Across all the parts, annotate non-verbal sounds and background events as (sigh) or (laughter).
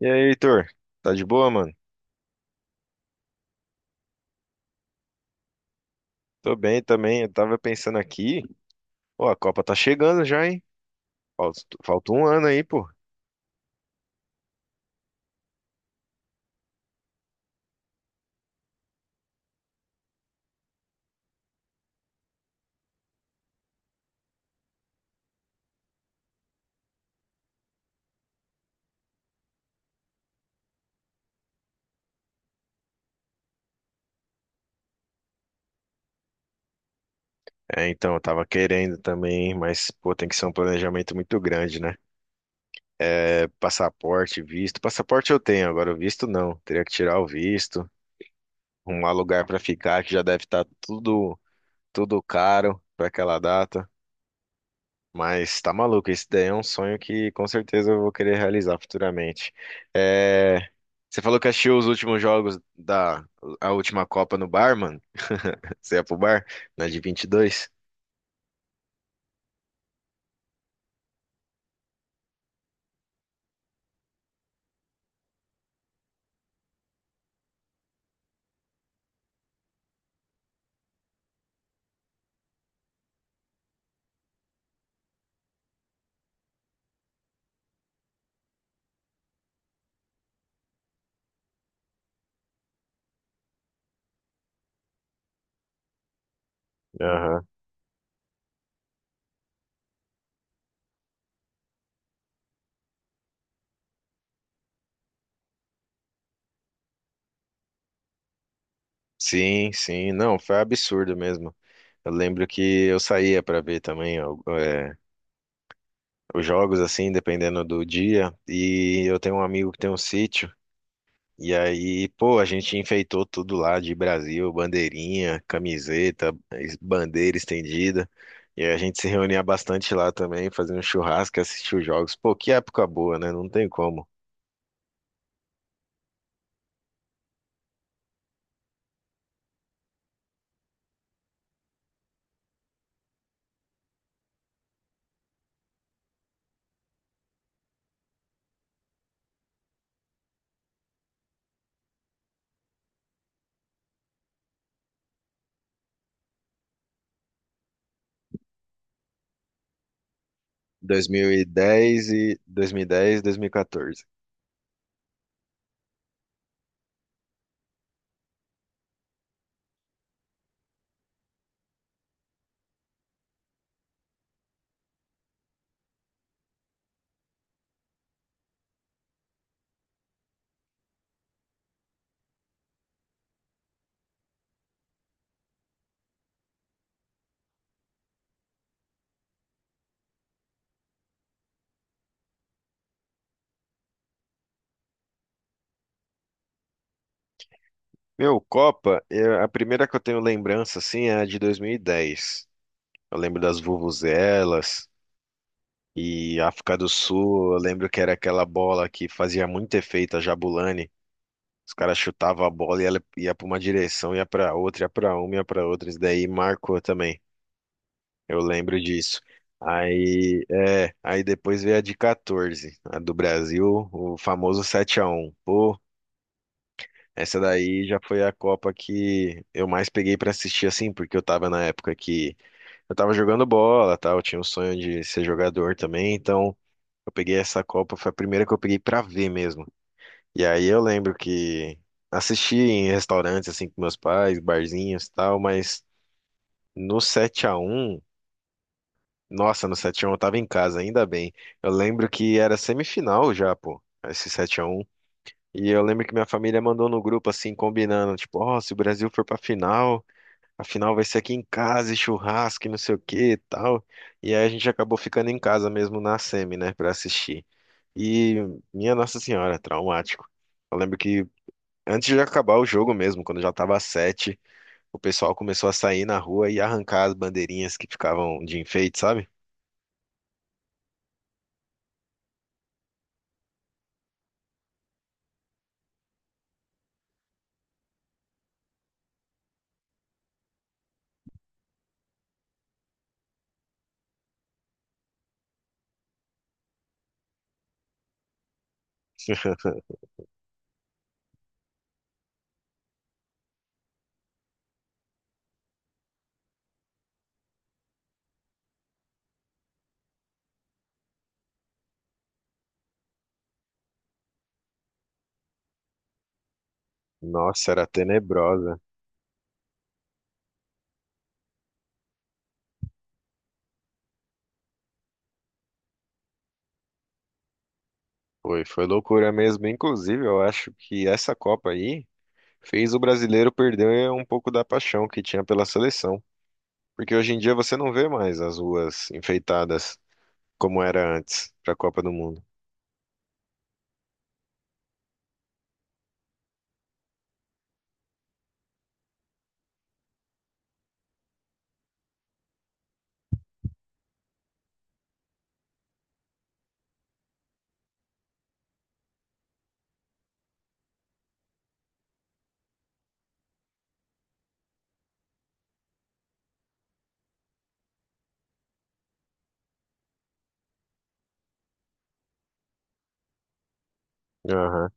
E aí, Heitor? Tá de boa, mano? Tô bem também. Eu tava pensando aqui. Pô, a Copa tá chegando já, hein? Falta um ano aí, pô. É, então, eu tava querendo também, mas, pô, tem que ser um planejamento muito grande, né? É passaporte, visto. Passaporte eu tenho, agora o visto não. Teria que tirar o visto, arrumar lugar pra ficar, que já deve estar tudo caro pra aquela data. Mas tá maluco, esse daí é um sonho que com certeza eu vou querer realizar futuramente. É, você falou que assistiu os últimos jogos da a última Copa no bar, mano? (laughs) Você ia pro bar? Na de 22. Aham. Sim, sim. Não, foi absurdo mesmo. Eu lembro que eu saía pra ver também ó, é, os jogos, assim, dependendo do dia. E eu tenho um amigo que tem um sítio. E aí, pô, a gente enfeitou tudo lá de Brasil, bandeirinha, camiseta, bandeira estendida. E aí a gente se reunia bastante lá também, fazendo churrasco, assistia os jogos. Pô, que época boa, né? Não tem como. 2010 e 2010, 2014. Meu, Copa, a primeira que eu tenho lembrança assim é a de 2010. Eu lembro das vuvuzelas e África do Sul, eu lembro que era aquela bola que fazia muito efeito, a Jabulani. Os caras chutavam a bola e ela ia pra uma direção, ia pra outra, ia pra uma, ia pra outra. Isso daí marcou também. Eu lembro disso. Aí, é, aí depois veio a de 14, a do Brasil, o famoso 7-1. Pô, essa daí já foi a Copa que eu mais peguei pra assistir assim, porque eu tava na época que eu tava jogando bola, tal, eu tinha um sonho de ser jogador também, então eu peguei essa Copa, foi a primeira que eu peguei pra ver mesmo. E aí eu lembro que assisti em restaurantes, assim, com meus pais, barzinhos e tal, mas no 7-1, nossa, no 7-1 eu tava em casa, ainda bem. Eu lembro que era semifinal já, pô, esse 7-1. E eu lembro que minha família mandou no grupo, assim, combinando, tipo, ó, se o Brasil for pra final, a final vai ser aqui em casa, e churrasco e não sei o que e tal. E aí a gente acabou ficando em casa mesmo na semi, né, pra assistir. E minha Nossa Senhora, traumático. Eu lembro que antes de acabar o jogo mesmo, quando já tava sete, o pessoal começou a sair na rua e arrancar as bandeirinhas que ficavam de enfeite, sabe? (laughs) Nossa, era tenebrosa. Foi loucura mesmo. Inclusive, eu acho que essa Copa aí fez o brasileiro perder um pouco da paixão que tinha pela seleção. Porque hoje em dia você não vê mais as ruas enfeitadas como era antes para a Copa do Mundo. Aham.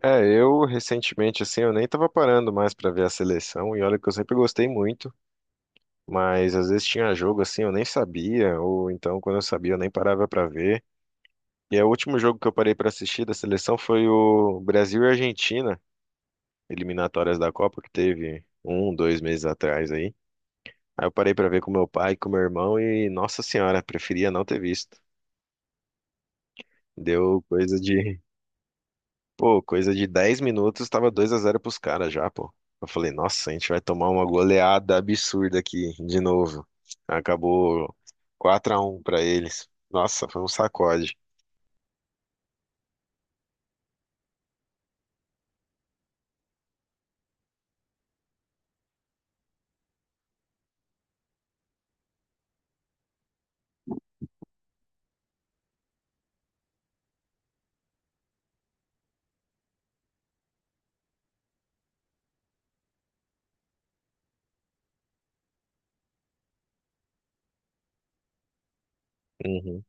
É, eu recentemente, assim, eu nem tava parando mais para ver a seleção. E olha que eu sempre gostei muito. Mas às vezes tinha jogo assim, eu nem sabia, ou então quando eu sabia, eu nem parava pra ver. E aí, o último jogo que eu parei pra assistir da seleção foi o Brasil e Argentina, eliminatórias da Copa, que teve um, 2 meses atrás aí. Aí eu parei pra ver com meu pai, com meu irmão e, nossa senhora, preferia não ter visto. Deu coisa de. Pô, coisa de 10 minutos, tava dois a 0 pros caras já, pô. Eu falei, nossa, a gente vai tomar uma goleada absurda aqui de novo. Acabou 4-1 pra eles. Nossa, foi um sacode. Uhum.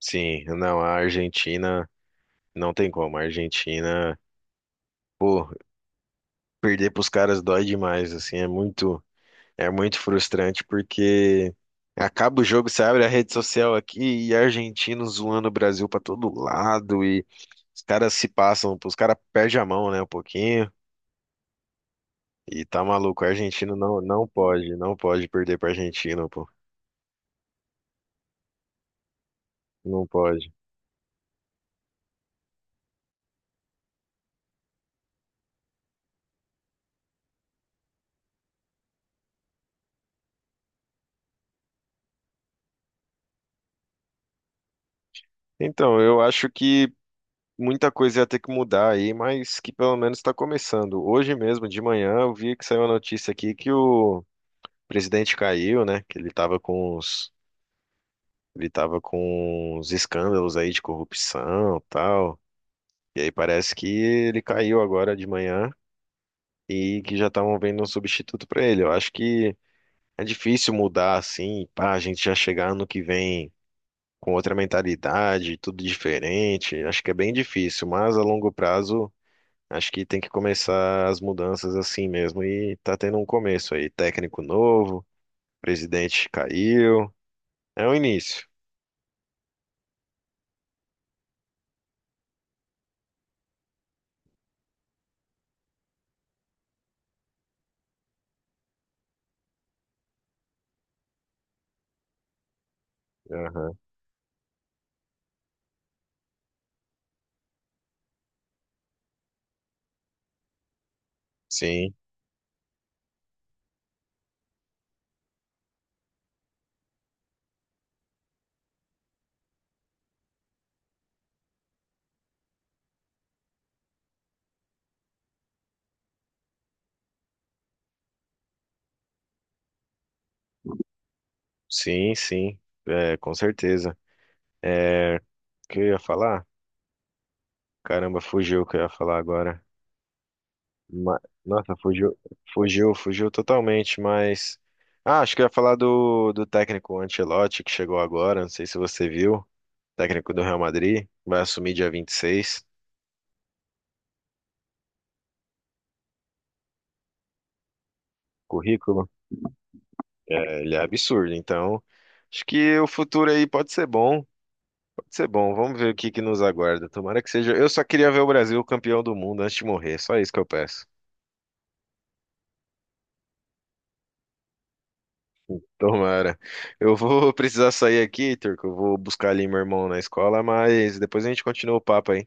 Sim, não, a Argentina não tem como. A Argentina, pô, perder pros caras dói demais, assim, é muito. É muito frustrante porque acaba o jogo, você abre a rede social aqui e argentino zoando o Brasil pra todo lado e os caras se passam, os caras perdem a mão, né, um pouquinho. E tá maluco, argentino não, não pode, não pode perder pra Argentina, pô. Não pode. Então, eu acho que muita coisa ia ter que mudar aí, mas que pelo menos tá começando. Hoje mesmo, de manhã, eu vi que saiu a notícia aqui que o presidente caiu, né? Que ele tava com uns. Ele tava com uns escândalos aí de corrupção, tal. E aí parece que ele caiu agora de manhã e que já estavam vendo um substituto pra ele. Eu acho que é difícil mudar assim, pá, a gente já chegar ano que vem com outra mentalidade, tudo diferente. Acho que é bem difícil, mas a longo prazo acho que tem que começar as mudanças assim mesmo e tá tendo um começo aí, técnico novo, presidente caiu, é o início. Aham, sim. Sim, sim, é, com certeza. É, o que eu ia falar? Caramba, fugiu o que eu ia falar agora. Ma- Nossa, fugiu, fugiu, fugiu totalmente, mas. Ah, acho que eu ia falar do técnico Ancelotti, que chegou agora, não sei se você viu, técnico do Real Madrid, vai assumir dia 26, currículo. É, ele é absurdo, então acho que o futuro aí pode ser bom, vamos ver o que que nos aguarda, tomara que seja. Eu só queria ver o Brasil campeão do mundo antes de morrer, só isso que eu peço. Tomara. Eu vou (laughs) precisar sair aqui, Turco. Eu vou buscar ali meu irmão na escola, mas depois a gente continua o papo aí.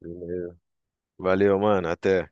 Beleza. Valeu, mano. Até.